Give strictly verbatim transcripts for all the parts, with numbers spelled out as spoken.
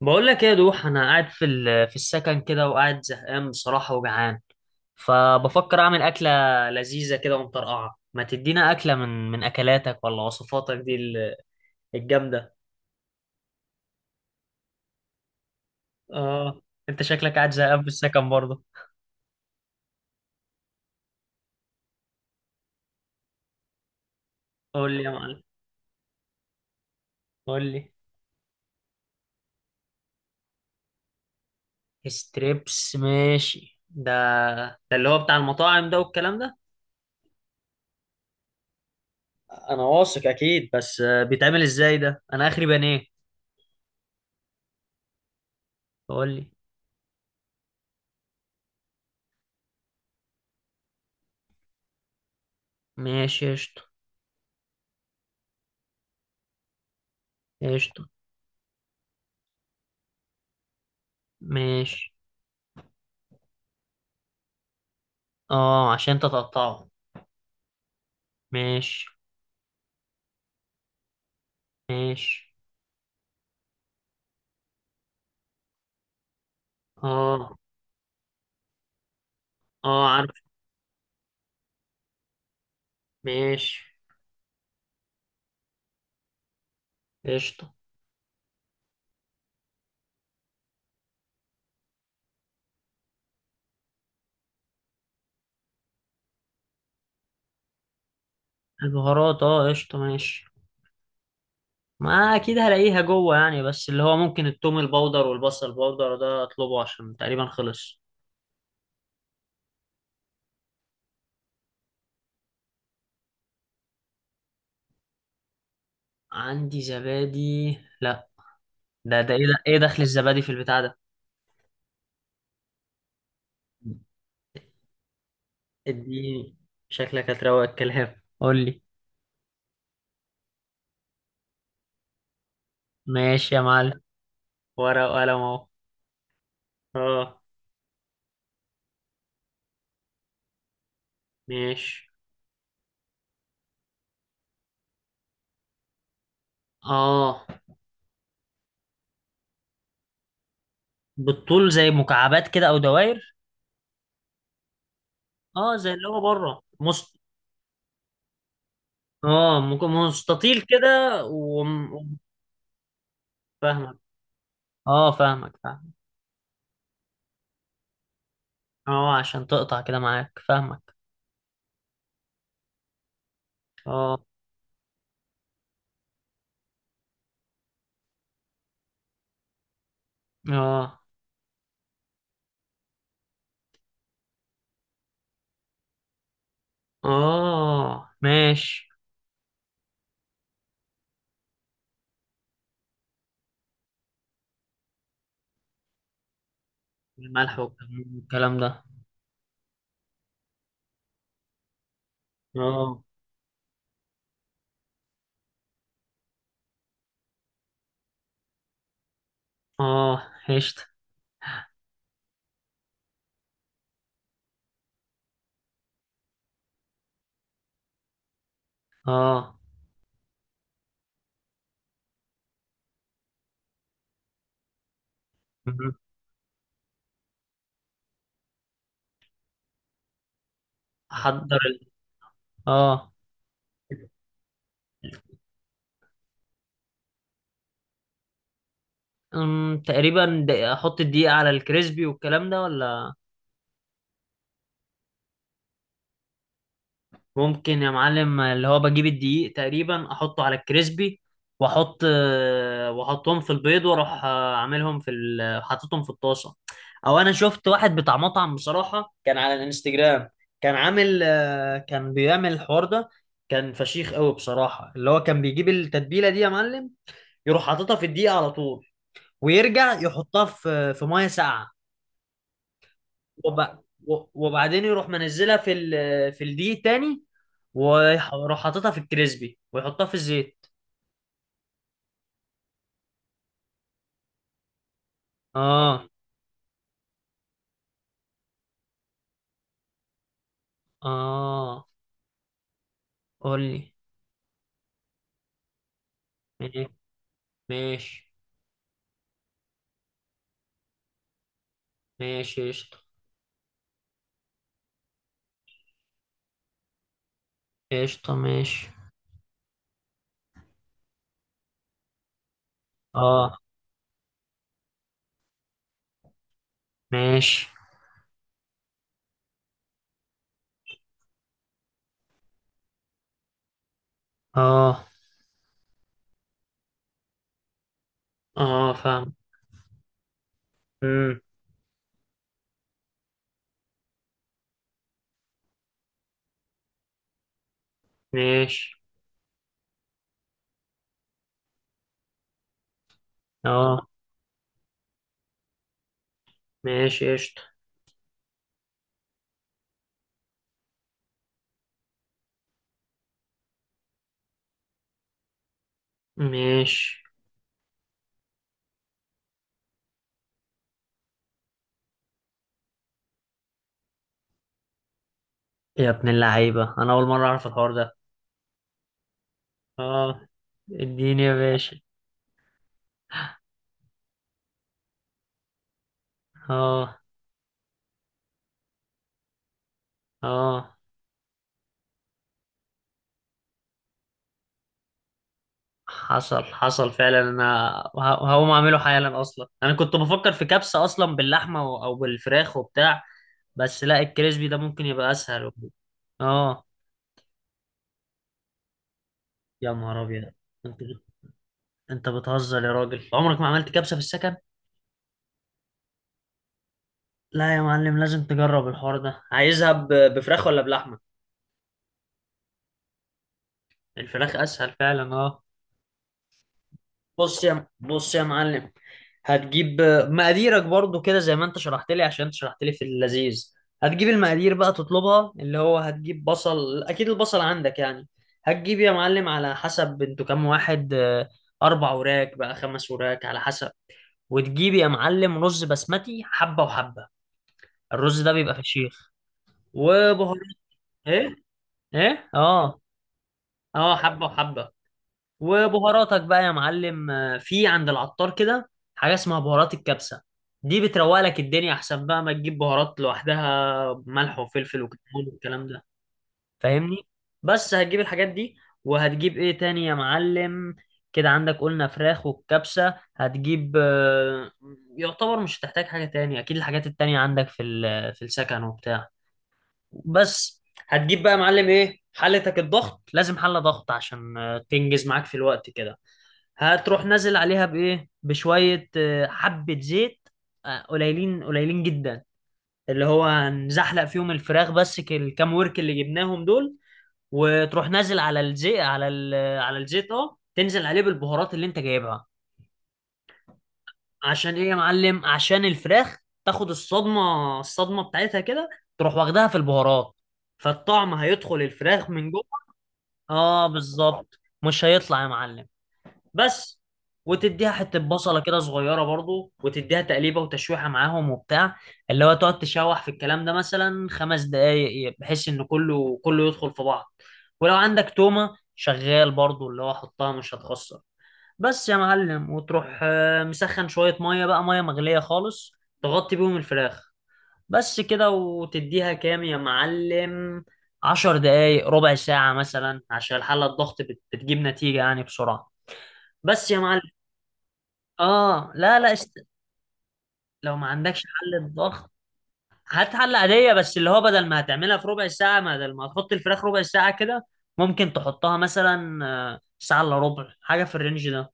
بقول لك ايه يا دوح، انا قاعد في ال- في السكن كده وقاعد زهقان بصراحه وجعان، فبفكر اعمل اكله لذيذه كده ومطرقعه. ما تدينا اكله من من اكلاتك ولا وصفاتك دي ال- الجامده. اه، انت شكلك قاعد زهقان في السكن برضه. قول لي يا معلم، قول لي. ستريبس، ماشي. ده ده اللي هو بتاع المطاعم ده والكلام ده؟ انا واثق اكيد، بس آه، بيتعمل ازاي ده؟ انا اخري بانيه. قول لي. ماشي قشطه. قشطه، ماشي. اه عشان تتقطعه. ماشي. ماشي. اه اه، عارف. ماشي قشطة. البهارات اه قشطة ماشي. ما اكيد هلاقيها جوه يعني، بس اللي هو ممكن التوم البودر والبصل البودر ده اطلبه عشان تقريبا خلص. عندي زبادي؟ لا. ده ده ايه ده؟ ايه دخل الزبادي في البتاع ده؟ اديني. شكلك هتروق الكلام، قول لي. ماشي يا معلم. ورقة وقلم اهو. اه. ماشي. اه. بالطول زي مكعبات كده او دوائر؟ اه زي اللي هو بره مست... اه مك- مستطيل كده وم- وم- فاهمك. اه فاهمك فاهمك اه عشان تقطع كده معاك، فاهمك. اه. اه اه. ماشي. الملح والكلام ده. اه. اه هشت. اه مهم. احضر ال... اه. أم، تقريبا د- احط الدقيقة على الكريسبي والكلام ده ولا؟ ممكن يا معلم اللي هو بجيب الدقيق تقريبا احطه على الكريسبي، واحط آه، واحطهم في البيض، واروح آه، عاملهم في ال- حاططهم في الطاسه. او انا شفت واحد بتاع مطعم بصراحه كان على الانستجرام، كان عامل آه، كان بيعمل الحوار ده، كان فشيخ قوي بصراحه. اللي هو كان بيجيب التتبيله دي يا معلم، يروح حاططها في الدقيق على طول، ويرجع يحطها في آه، في ميه ساقعه وب... و- وبعدين يروح منزلها في ال... في الدقيق تاني، ويروح حاططها في الكريسبي ويحطها في الزيت. اه. اه. قول لي. ماشي. ماشي قشطة. قشطة ماشي. اه. ماشي. اه. اه فاهم. امم. ماشي. اه. ماشي قشطة. ماشي. يا ابن اللعيبة، انا اول مرة اعرف الحوار ده. اه. اديني يا باشا. اه. اه. حصل حصل فعلا. انا وه- وهقوم اعمله حالا. اصلا انا كنت بفكر في كبسة اصلا باللحمة و- او بالفراخ وبتاع، بس لا، الكريسبي ده ممكن يبقى اسهل. اه. يا نهار ابيض. انت انت بتهزر يا راجل؟ عمرك ما عملت كبسة في السكن؟ لا يا معلم، لازم تجرب الحوار ده. عايزها ب- بفراخ ولا بلحمة؟ الفراخ اسهل فعلا اه. بص يا بص يا معلم، هتجيب مقاديرك برضو كده زي ما انت شرحت لي، عشان انت شرحت لي في اللذيذ. هتجيب المقادير بقى تطلبها. اللي هو هتجيب بصل، اكيد البصل عندك يعني. هتجيب يا معلم على حسب انتوا كام واحد، آه، اربع وراك بقى خمس وراك على حسب. وتجيب يا معلم رز بسمتي حبة وحبة، الرز ده بيبقى فشيخ. وبهارات. ايه. ايه اه. اه حبة وحبة. وبهاراتك بقى يا معلم آه، في عند العطار كده حاجة اسمها بهارات الكبسة. دي بتروق لك الدنيا، احسن بقى ما تجيب بهارات لوحدها ملح وفلفل وكمون والكلام ده. فاهمني؟ بس هتجيب الحاجات دي. وهتجيب ايه تاني يا معلم؟ كده عندك قلنا فراخ والكبسة. هتجيب آه، يعتبر مش هتحتاج حاجة تاني، اكيد الحاجات التانية عندك في ال- في السكن وبتاع. بس. هتجيب بقى يا معلم ايه؟ حلتك الضغط، لازم حلة ضغط عشان آه، تنجز معاك في الوقت كده. هتروح نازل عليها بايه؟ بشويه آه، حبه زيت، آه، قليلين قليلين جدا، اللي هو هنزحلق فيهم الفراخ بس. ك- الكام ورك اللي جبناهم دول، وتروح نازل على الزيت على ال... على الزيت اه، تنزل عليه بالبهارات اللي انت جايبها. عشان ايه يا معلم؟ عشان الفراخ تاخد الصدمه، الصدمه بتاعتها كده، تروح واخدها في البهارات، فالطعم هيدخل الفراخ من جوه. اه بالظبط، مش هيطلع يا معلم. بس. وتديها حته بصله كده صغيره برضو، وتديها تقليبه وتشويحه معاهم وبتاع. اللي هو تقعد تشوح في الكلام ده مثلا خمس دقايق، بحيث ان كله كله يدخل في بعض. ولو عندك تومه شغال برضو، اللي هو حطها مش هتخسر. بس يا معلم. وتروح آه، مسخن شويه ميه، بقى ميه مغليه خالص، تغطي بيهم الفراخ بس كده. وتديها كام يا معلم؟ عشر دقايق ربع ساعة مثلا، عشان الحلة الضغط بت- بتجيب نتيجة يعني بسرعة. بس يا معلم. اه. لا لا اشت... لو ما عندكش حل الضغط، هات حل عادية، بس اللي هو بدل ما هتعملها في ربع ساعة، بدل ما تحط الفراخ ربع ساعة كده، ممكن تحطها مثلا آه، ساعة الا ربع حاجة في الرينج ده.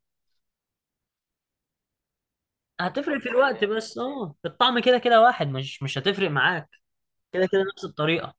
هتفرق في الوقت بس اه، الطعم كده كده واحد، مش مش هتفرق معاك. كده كده نفس الطريقة.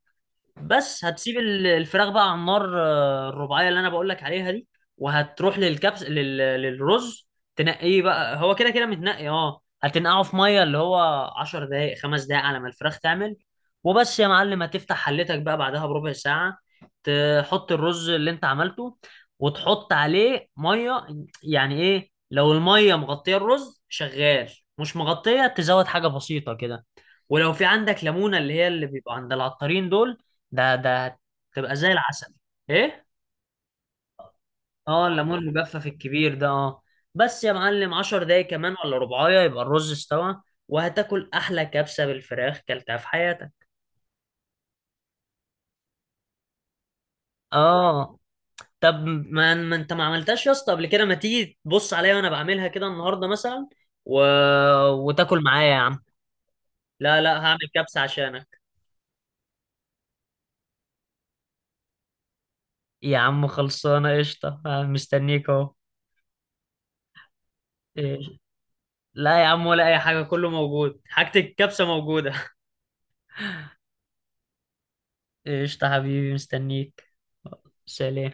بس هتسيب ال- الفراخ بقى على النار آه، الرباعيه اللي انا بقول لك عليها دي. وهتروح للكبس لل... للرز. تنقيه بقى، هو كده كده متنقي اه، هتنقعه في ميه اللي هو عشر دقائق خمس دقائق على ما الفراخ تعمل. وبس يا معلم هتفتح حلتك بقى بعدها بربع ساعه، تحط الرز اللي انت عملته، وتحط عليه ميه. يعني ايه؟ لو الميه مغطيه الرز، شغال. مش مغطيه، تزود حاجه بسيطه كده. ولو في عندك ليمونه اللي هي اللي بيبقى عند العطارين دول، ده ده تبقى زي العسل. ايه. اه الليمون المجفف الكبير ده اه. بس يا معلم عشر دقايق كمان ولا ربعايه يبقى الرز استوى. وهتاكل احلى كبسه بالفراخ كلتها في حياتك. اه. طب ما, ما انت ما عملتهاش يا اسطى قبل كده؟ ما تيجي تبص عليا وانا بعملها كده النهارده مثلا و... وتاكل معايا يا عم. لا لا، هعمل كبسه عشانك. يا عم خلصانه قشطه، آه، مستنيك اهو. إيه. لا يا عم ولا اي حاجه، كله موجود، حاجه الكبسه موجوده. قشطة حبيبي، مستنيك. سلام.